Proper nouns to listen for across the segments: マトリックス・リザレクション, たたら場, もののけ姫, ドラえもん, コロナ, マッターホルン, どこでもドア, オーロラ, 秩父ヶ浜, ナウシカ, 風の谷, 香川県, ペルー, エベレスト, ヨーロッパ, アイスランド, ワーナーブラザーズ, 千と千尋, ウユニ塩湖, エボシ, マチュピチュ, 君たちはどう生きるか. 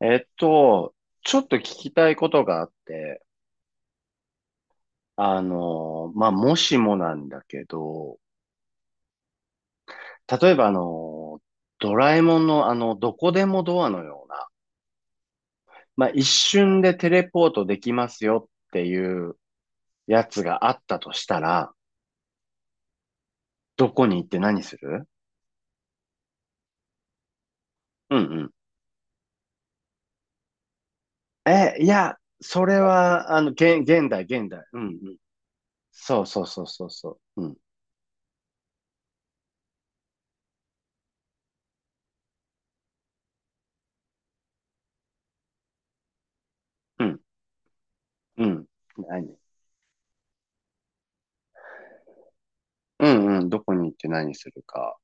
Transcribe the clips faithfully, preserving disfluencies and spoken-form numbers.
えっと、ちょっと聞きたいことがあって、あの、まあ、もしもなんだけど、例えばあの、ドラえもんのあの、どこでもドアのような、まあ、一瞬でテレポートできますよっていうやつがあったとしたら、どこに行って何する？うんうん。え、いや、それは、あの、現、現代、現代。うんうん。そうそうそうそうそう。うん、うん、うん。何？うんうん。どこに行って何するか。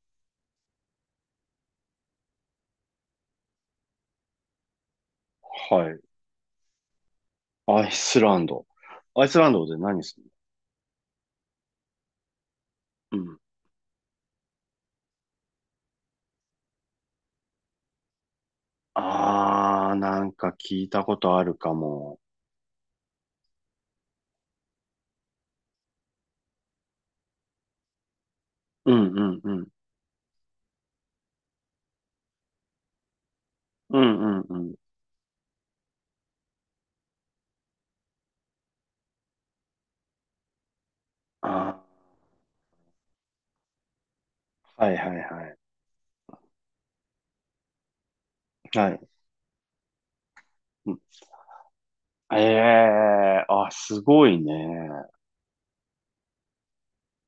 はい。アイスランド。アイスランドで何するの？うん。あー、なんか聞いたことあるかも。うんうんうん。うんうんうん。あー、はいはいはい。はい。うん、ええー、あ、すごいね。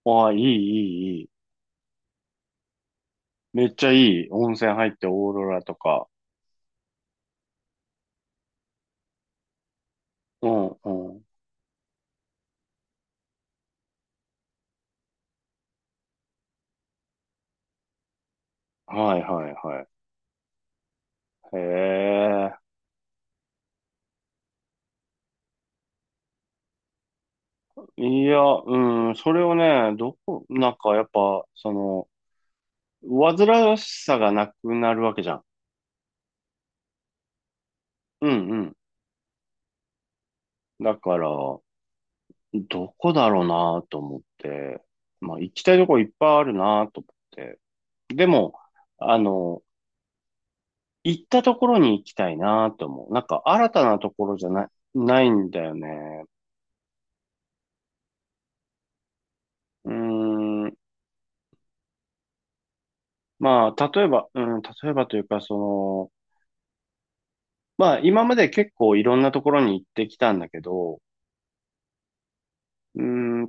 あ、いいいいいい。めっちゃいい。温泉入ってオーロラとか。うんうん。はいはいはい。へえ。いや、うん、それをね、どこ、なんかやっぱ、その、煩わしさがなくなるわけじゃん。うんうん。だから、どこだろうなと思って、まあ行きたいとこいっぱいあるなと思って。でも、あの、行ったところに行きたいなと思う。なんか新たなところじゃない、ないんだよね。うーん。まあ、例えば、うん、例えばというか、その、まあ今まで結構いろんなところに行ってきたんだけど、うん、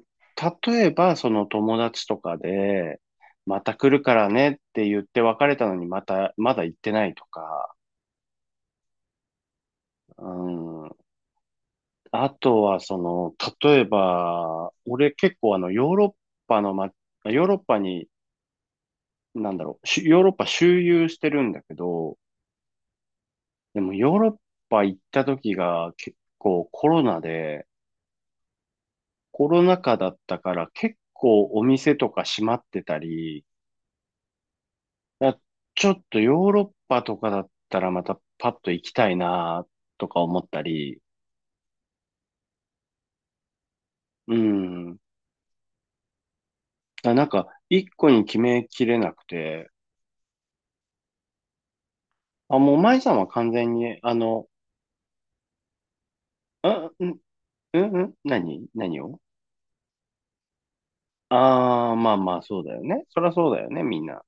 例えば、その友達とかで、また来るからねって言って別れたのにまた、まだ行ってないとか、うん、あとはその、例えば、俺結構あの、ヨーロッパのま、ヨーロッパに、なんだろう、しヨーロッパ周遊してるんだけど、でもヨーロッパ行った時が結構コロナで、コロナ禍だったから結構お店とか閉まってたり、やちょっとヨーロッパとかだったらまたパッと行きたいなとか思ったり、うん。あ、なんか、一個に決めきれなくて、あ、もう舞さんは完全に、あの、あ、ん、ん、ん、何何をああー、まあまあ、そうだよね。そりゃそうだよね、みんな。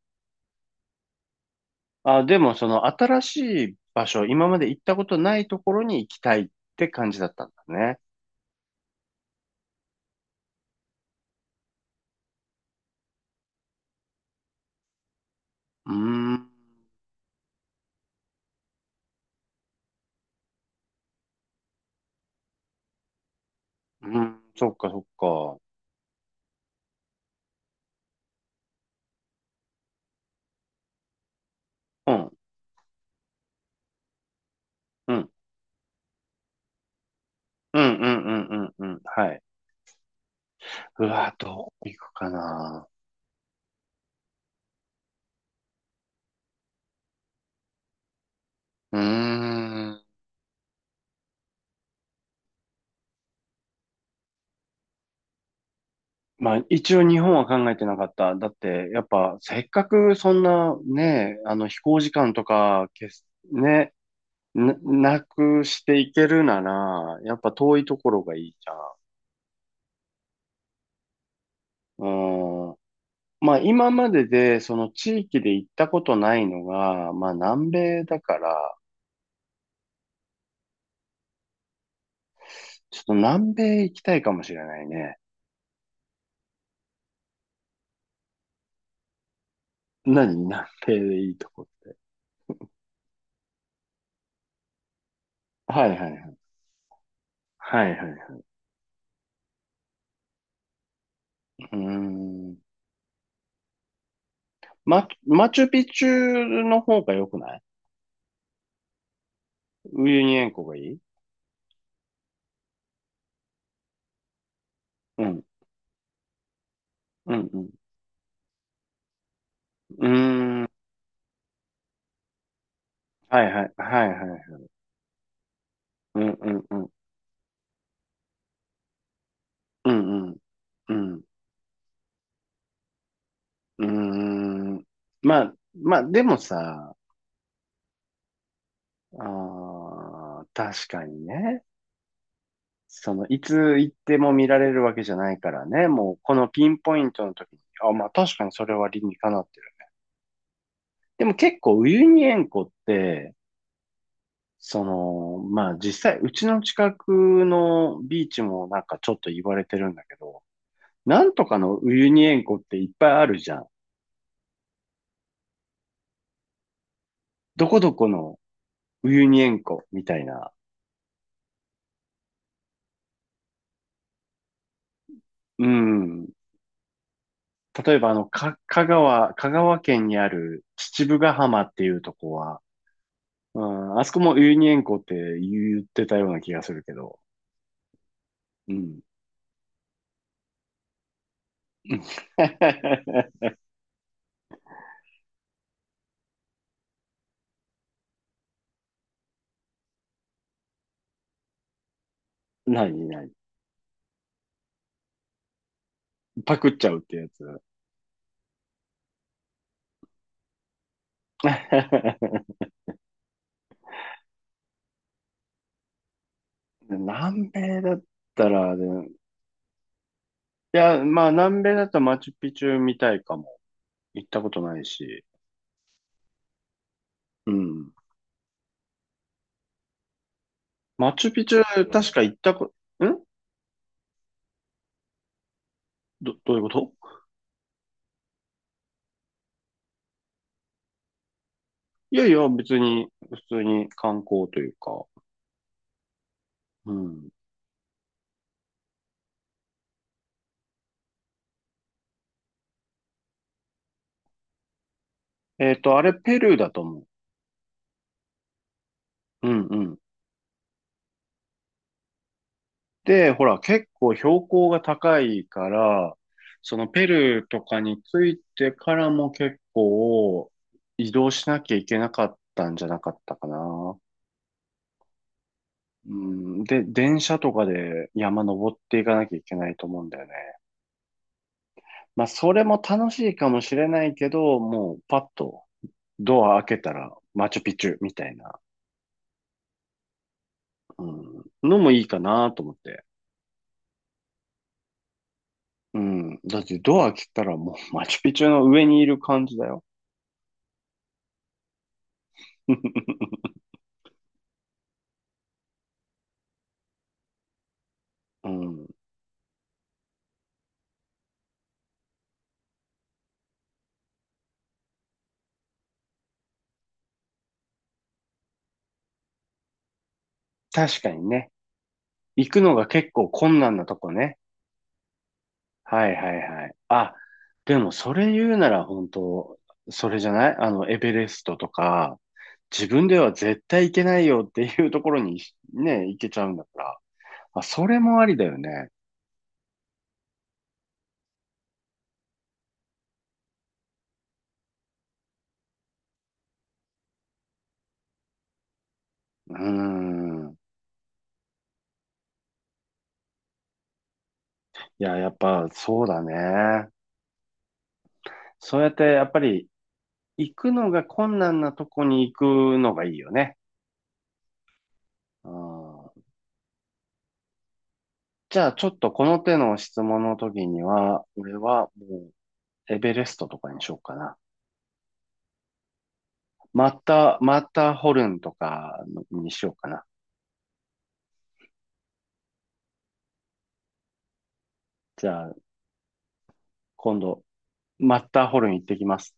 あ、でも、その、新しい場所、今まで行ったことないところに行きたいって感じだったんだね。うーん、うん、そっか、そっか。うん、うん、うん、うん、うん、うん、うん、はい。うわ、どう行くかな。うーん。まあ、一応日本は考えてなかった。だって、やっぱ、せっかくそんなね、あの飛行時間とか、けすね、な、なくしていけるなら、やっぱ遠いところがいいじゃん。うーん。まあ、今までで、その地域で行ったことないのが、まあ、南米だから、ちょっと南米行きたいかもしれないね。何？南米でいいとこ？はいはいはい。はいはいはい。うーん。マ、マチュピチュの方が良くない？ウユニ塩湖がいい？うん、うん、うん。うーん、はいはい、はいはい。うん、うん、うん、うん、うん、うん。うーん。まあ、まあ、でもさ、あー、確かにね。その、いつ行っても見られるわけじゃないからね。もう、このピンポイントの時に、あ、まあ確かにそれは理にかなってる。でも結構、ウユニ塩湖って、その、まあ実際、うちの近くのビーチもなんかちょっと言われてるんだけど、なんとかのウユニ塩湖っていっぱいあるじゃん。どこどこのウユニ塩湖みたいな。うん。例えばあの、か、香川、香川県にある秩父ヶ浜っていうとこは、うん、あそこもウユニ塩湖って言ってたような気がするけど。うん。何何パクっちゃうってやつ？南米だったら、ね。いや、まあ、南米だとマチュピチュみたいかも。行ったことないし。うん。マチュピチュ、うん、確んか行ったこ、んど、どういうこと？いやいや、別に、普通に観光というか。うん。えっと、あれ、ペルーだと思う。うんうん。で、ほら、結構標高が高いから、そのペルーとかについてからも結構移動しなきゃいけなかったんじゃなかったかな。うん、で、電車とかで山登っていかなきゃいけないと思うんだよね。まあ、それも楽しいかもしれないけど、もうパッとドア開けたらマチュピチュみたいな、うん、のもいいかなと思って。うん、だってドア開けたらもうマチュピチュの上にいる感じだよ。うん、確かにね。行くのが結構困難なとこね。はいはいはい。あ、でもそれ言うなら本当、それじゃないあの、エベレストとか、自分では絶対行けないよっていうところにね、行けちゃうんだから。まあ、それもありだよね。うーん。いや、やっぱそうだね。そうやってやっぱり行くのが困難なとこに行くのがいいよね。うん。じゃあちょっとこの手の質問の時には、俺はもうエベレストとかにしようかな。マッター、マッターホルンとかにしようかな。じゃあ、今度、マッターホルン行ってきます。